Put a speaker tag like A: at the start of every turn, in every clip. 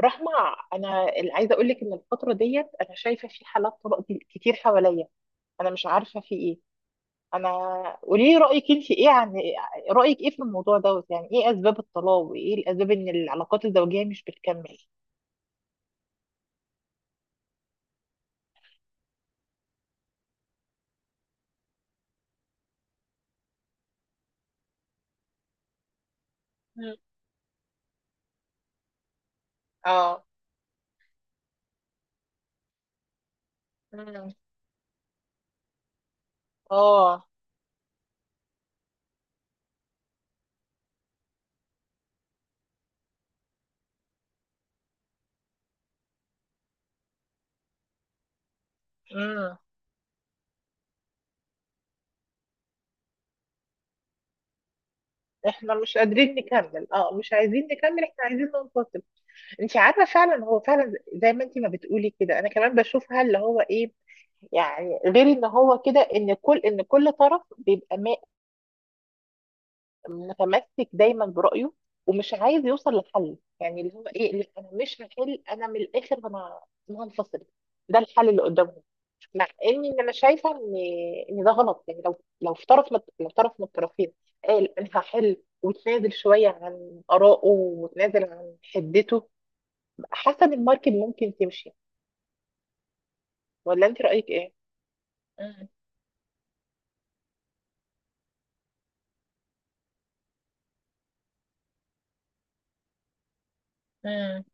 A: رحمة، أنا اللي عايزة أقول لك إن الفترة ديت أنا شايفة في حالات طلاق دي كتير حواليا. أنا مش عارفة في إيه. أنا قولي لي رأيك أنت إيه رأيك إيه في الموضوع دوت؟ يعني إيه أسباب الطلاق وإيه الأسباب إن العلاقات الزوجية مش بتكمل؟ مم. آه. مم. آه. مم. إحنا مش قادرين نكمل، مش عايزين نكمل، إحنا عايزين ننفصل. انت عارفه فعلا هو فعلا زي ما انت ما بتقولي كده انا كمان بشوفها اللي هو ايه. يعني غير ان هو كده، ان كل طرف بيبقى متمسك دايما برأيه، ومش عايز يوصل لحل. يعني اللي هو ايه، اللي انا مش هحل، انا من الاخر انا أنا هنفصل، ده الحل اللي قدامهم. مع ان إن انا شايفه ان ان ده غلط. يعني لو في لو طرف من الطرفين قال انا هحل، وتنازل شويه عن آرائه وتنازل عن حدته، حسب الماركت ممكن تمشي. ولا انت رأيك ايه؟ مم. مم.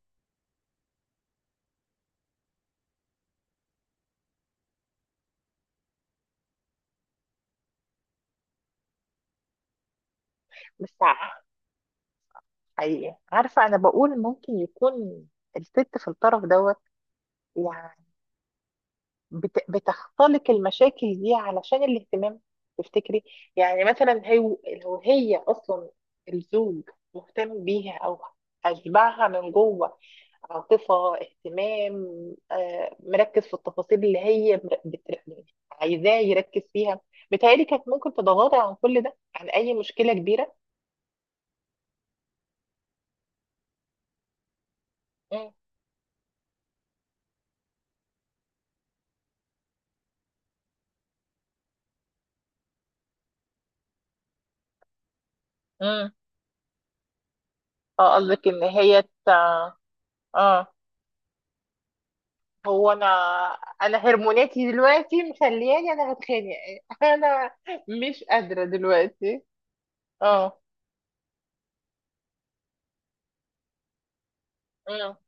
A: بس ع- حقيقي عارفة، انا بقول ممكن يكون الست في الطرف دوت يعني بتختلق المشاكل دي علشان الاهتمام. تفتكري؟ يعني مثلا هي، لو هي اصلا الزوج مهتم بيها او اشبعها من جوه عاطفة اهتمام، مركز في التفاصيل اللي هي عايزاه يركز فيها، بتهيألي كانت ممكن تتغاضى عن كل ده، عن اي مشكلة كبيرة. مم. اه قصدك ان اه. هو انا انا هرموناتي دلوقتي مخلياني انا هتخانق انا مش قادرة دلوقتي. اه. اه.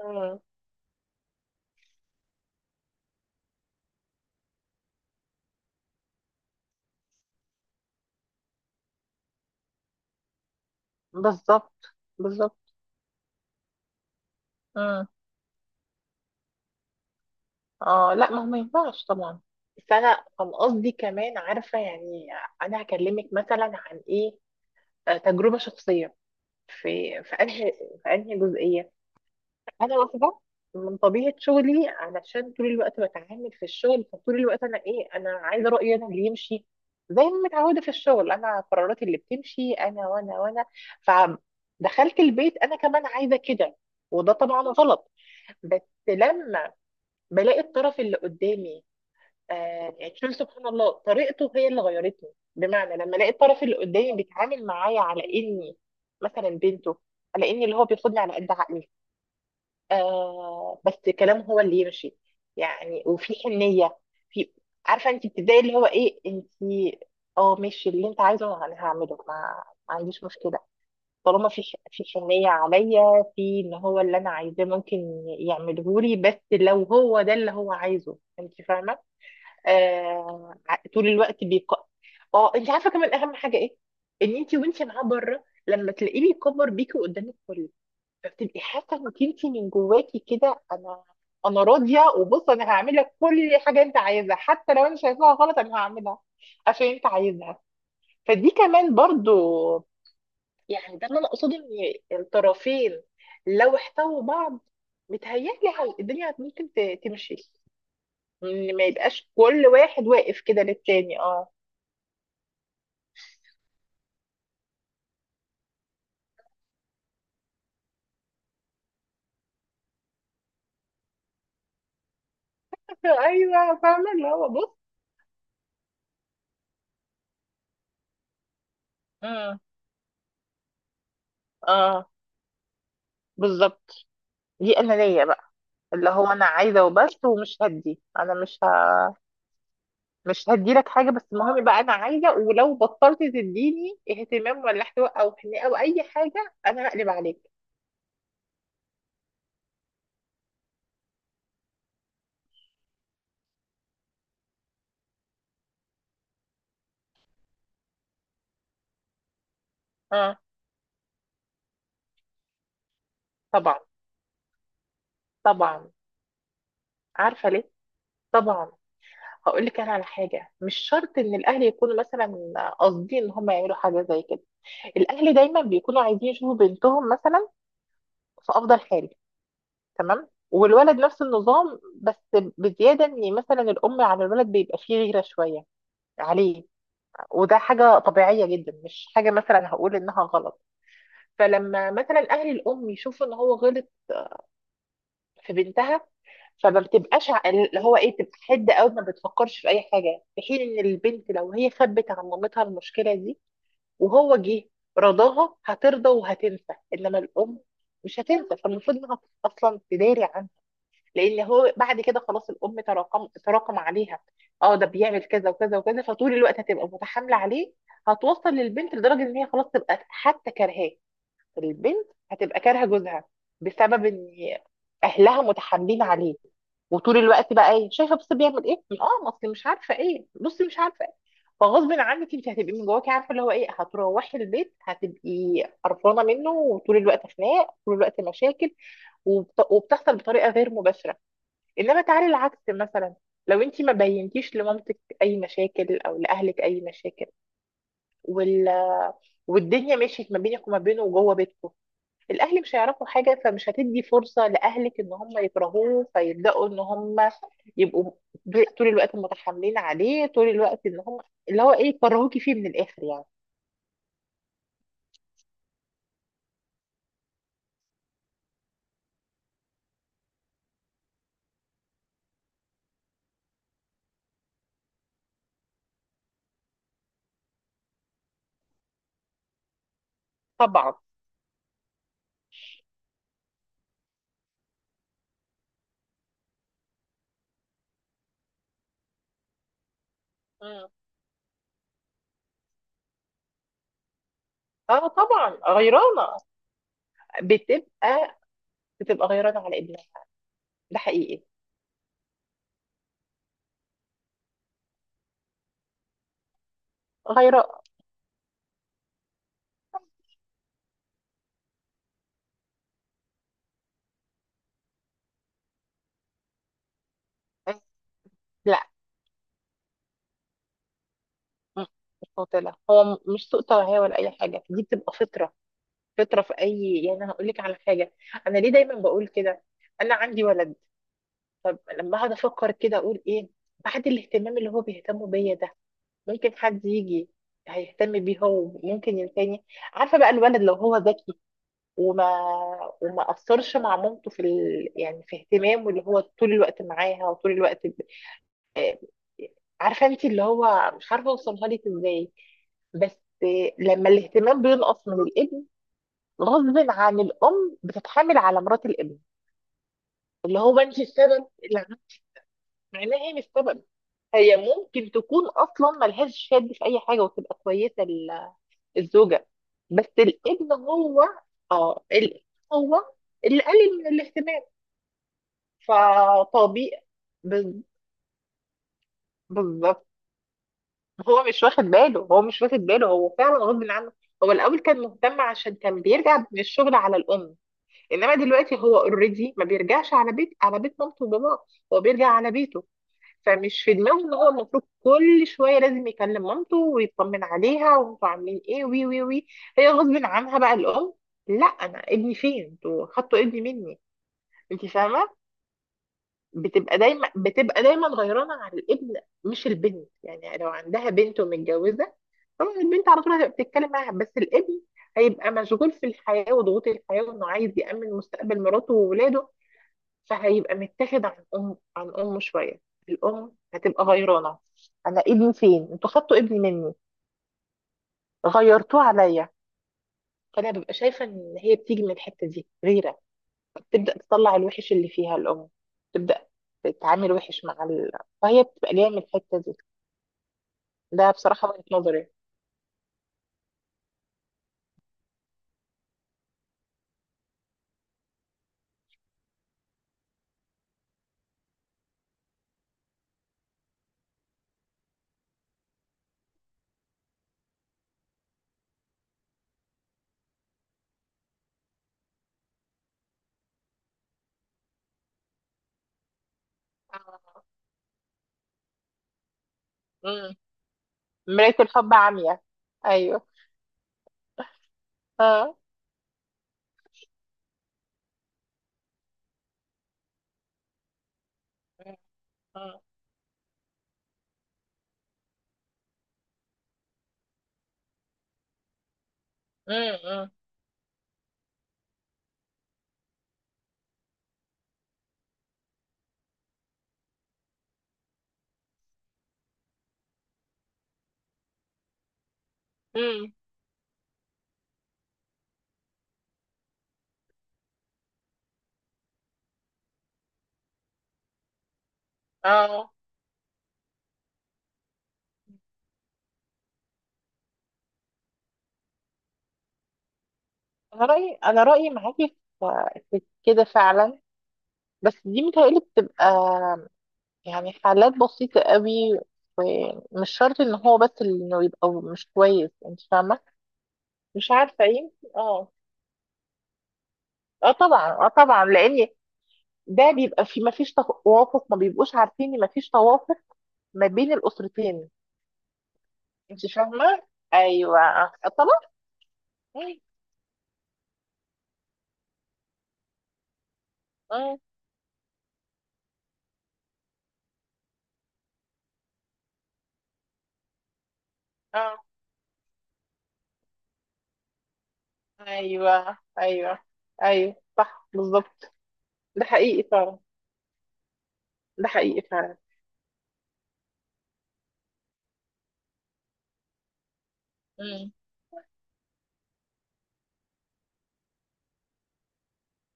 A: اه. بالظبط. بالظبط. اه. اه، لا ما هو ما ينفعش طبعا. بس انا كان قصدي كمان عارفة يعني، انا هكلمك مثلا عن ايه، تجربة شخصية، في انهي في انهي جزئية. انا واخده من طبيعه شغلي، علشان طول الوقت بتعامل في الشغل فطول الوقت انا ايه، انا عايزه رايي انا اللي يمشي، زي ما متعوده في الشغل انا قراراتي اللي بتمشي انا وانا وانا. فدخلت البيت انا كمان عايزه كده، وده طبعا غلط. بس لما بلاقي الطرف اللي قدامي، آه يعني شوف سبحان الله طريقته هي اللي غيرتني. بمعنى لما الاقي الطرف اللي قدامي بيتعامل معايا على اني مثلا بنته، على اني اللي هو بياخدني على قد عقلي، آه بس كلامه هو اللي يمشي، يعني وفي حنية، في، عارفة انت بتبدأي اللي هو ايه انت اه ماشي اللي انت عايزه انا هعمله، ما عنديش مشكلة، طالما في في حنية عليا، في ان هو اللي انا عايزاه ممكن يعمله لي، بس لو هو ده اللي هو عايزه، انت فاهمة. طول الوقت اه. انت عارفة كمان اهم حاجة ايه؟ ان انت وانت معاه بره لما تلاقيه بيكبر بيكي قدام الكل، فبتبقي حاسه انك انت من جواكي كده انا، انا راضيه، وبص انا هعمل لك كل حاجه انت عايزها حتى لو انا شايفاها غلط انا هعملها عشان انت عايزها. فدي كمان برضو، يعني ده اللي انا اقصده، ان الطرفين لو احتووا بعض متهيألي الدنيا ممكن تمشي، ان ما يبقاش كل واحد واقف كده للتاني. اه ايوه فاهمه اللي هو بص. مم. اه. بالظبط. دي انانيه بقى، اللي هو انا عايزه وبس ومش هدي، انا مش ه... مش هديلك حاجة، بس المهم يبقى أنا عايزة، ولو بطلت تديني اهتمام ولا احتواء أو حنية أو أي حاجة أنا هقلب عليك. آه. طبعا. طبعا. عارفة ليه؟ طبعا. هقول لك أنا على حاجة، مش شرط إن الأهل يكونوا مثلا قاصدين إن هم يعملوا حاجة زي كده. الأهل دايما بيكونوا عايزين يشوفوا بنتهم مثلا في أفضل حال، تمام، والولد نفس النظام، بس بزيادة إن مثلا الأم على الولد بيبقى فيه غيرة شوية عليه، وده حاجة طبيعية جدا، مش حاجة مثلا هقول إنها غلط. فلما مثلا اهل الام يشوفوا ان هو غلط في بنتها، فما اللي هو ايه، بتبقى حد قوي، ما بتفكرش في اي حاجه، في حين ان البنت لو هي خبت عن مامتها المشكله دي وهو جه رضاها هترضى وهتنسى، انما الام مش هتنسى. فالمفروض انها اصلا تداري عنه، لان هو بعد كده خلاص الام تراكم تراكم عليها، اه ده بيعمل كذا وكذا وكذا، فطول الوقت هتبقى متحامله عليه، هتوصل للبنت لدرجه ان هي خلاص تبقى حتى كرهاه، البنت هتبقى كارهه جوزها بسبب ان اهلها متحاملين عليه، وطول الوقت بقى ايه شايفه بص بيعمل ايه، اه ما اصل مش عارفه ايه، بصي مش عارفه ايه، فغصب عنك انت هتبقي من جواكي عارفه اللي هو ايه، هتروحي البيت هتبقي قرفانه منه، وطول الوقت خناق، طول الوقت مشاكل، وبتحصل بطريقه غير مباشره. انما تعالي العكس مثلا، لو انت ما بينتيش لمامتك اي مشاكل او لاهلك اي مشاكل، وال... والدنيا مشيت ما بينك وما بينه وجوه بيتكم، الاهل مش هيعرفوا حاجه، فمش هتدي فرصه لاهلك ان هم يكرهوه، فيبداوا ان هم يبقوا طول الوقت متحاملين عليه، طول الوقت ان هم اللي هو ايه يكرهوكي فيه من الاخر يعني. طبعا. مم. اه طبعا غيرانه، بتبقى بتبقى غيرانه على ابنها. ده حقيقي. غيرانه. لا. مم. مش قاتله. هو مش سوء توعيه ولا اي حاجه، دي بتبقى فطره، فطره في اي، يعني انا هقول لك على حاجه، انا ليه دايما بقول كده، انا عندي ولد. طب لما اقعد افكر كده اقول ايه، بعد الاهتمام اللي هو بيهتموا بيا ده ممكن حد يجي هيهتم بيه هو ممكن ينساني. عارفه بقى الولد لو هو ذكي، وما وما اثرش مع مامته في يعني في اهتمامه اللي هو طول الوقت معاها وطول الوقت آه، عارفه انت اللي هو مش عارفه اوصلها لك ازاي، بس لما الاهتمام بينقص من الابن، غصب عن الام بتتحامل على مرات الابن، اللي هو انت السبب اللي مع انها هي مش سبب، هي ممكن تكون اصلا ملهاش شد في اي حاجه وتبقى كويسه الزوجه. بس الابن هو، اه الابن هو اللي قلل من الاهتمام، فطبيعي. بز- بالظبط. هو مش واخد باله، هو مش واخد باله، هو فعلا غصب عنه. هو الاول كان مهتم عشان كان بيرجع من الشغل على الام، انما دلوقتي هو اوريدي ما بيرجعش على بيت، على بيت مامته وباباه، هو بيرجع على بيته، فمش في دماغه ان هو المفروض كل شويه لازم يكلم مامته ويطمن عليها وانتوا عاملين ايه، وي وي وي، هي غصب عنها بقى الام، لا انا ابني فين، انتوا خدتوا ابني مني. انت فاهمه. بتبقى دايما غيرانه على الابن مش البنت. يعني لو عندها بنت ومتجوزه طبعا البنت على طول هتبقى بتتكلم معاها، بس الابن هيبقى مشغول في الحياه وضغوط الحياه وانه عايز يامن مستقبل مراته وولاده، فهيبقى متاخد عن أم عن أمه شوية، الأم هتبقى غيرانة، أنا ابني فين؟ انتوا خدتوا ابني مني، غيرتوه عليا. فأنا ببقى شايفة إن هي بتيجي من الحتة دي غيرة، بتبدأ تطلع الوحش اللي فيها الأم، تبدأ تتعامل وحش مع فهي بتبقى جاية من الحتة دي. ده بصراحة وجهة نظري. آه. مم. مراية الحب عمياء. أيوه. اه. اه. امم. امم. اه. انا رايي معاكي في، في كده فعلا. بس دي متهيألي بتبقى يعني حالات بسيطة قوي، ومش شرط ان هو بس اللي انه يبقى مش كويس، انت فاهمة. مش عارفة، يمكن اه. اه طبعا، اه طبعا، لان ده بيبقى في ما فيش توافق، ما بيبقوش عارفين ان ما فيش توافق ما بين الأسرتين. انت فاهمة. ايوه. آه. طبعا. مم. مم. اه. ايوه. ايوه. ايوه صح بالظبط. ده حقيقي فعلا. ده حقيقي فعلا.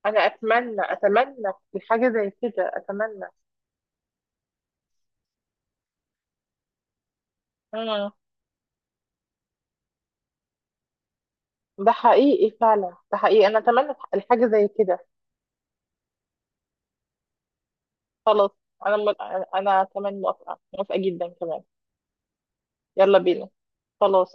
A: انا اتمنى، اتمنى الحاجه زي كده، اتمنى. امم. ده حقيقي فعلا. ده حقيقي. انا اتمنى الحاجه زي كده. خلاص. انا م... انا كمان موافقه، موافقه جدا كمان. يلا بينا. خلاص.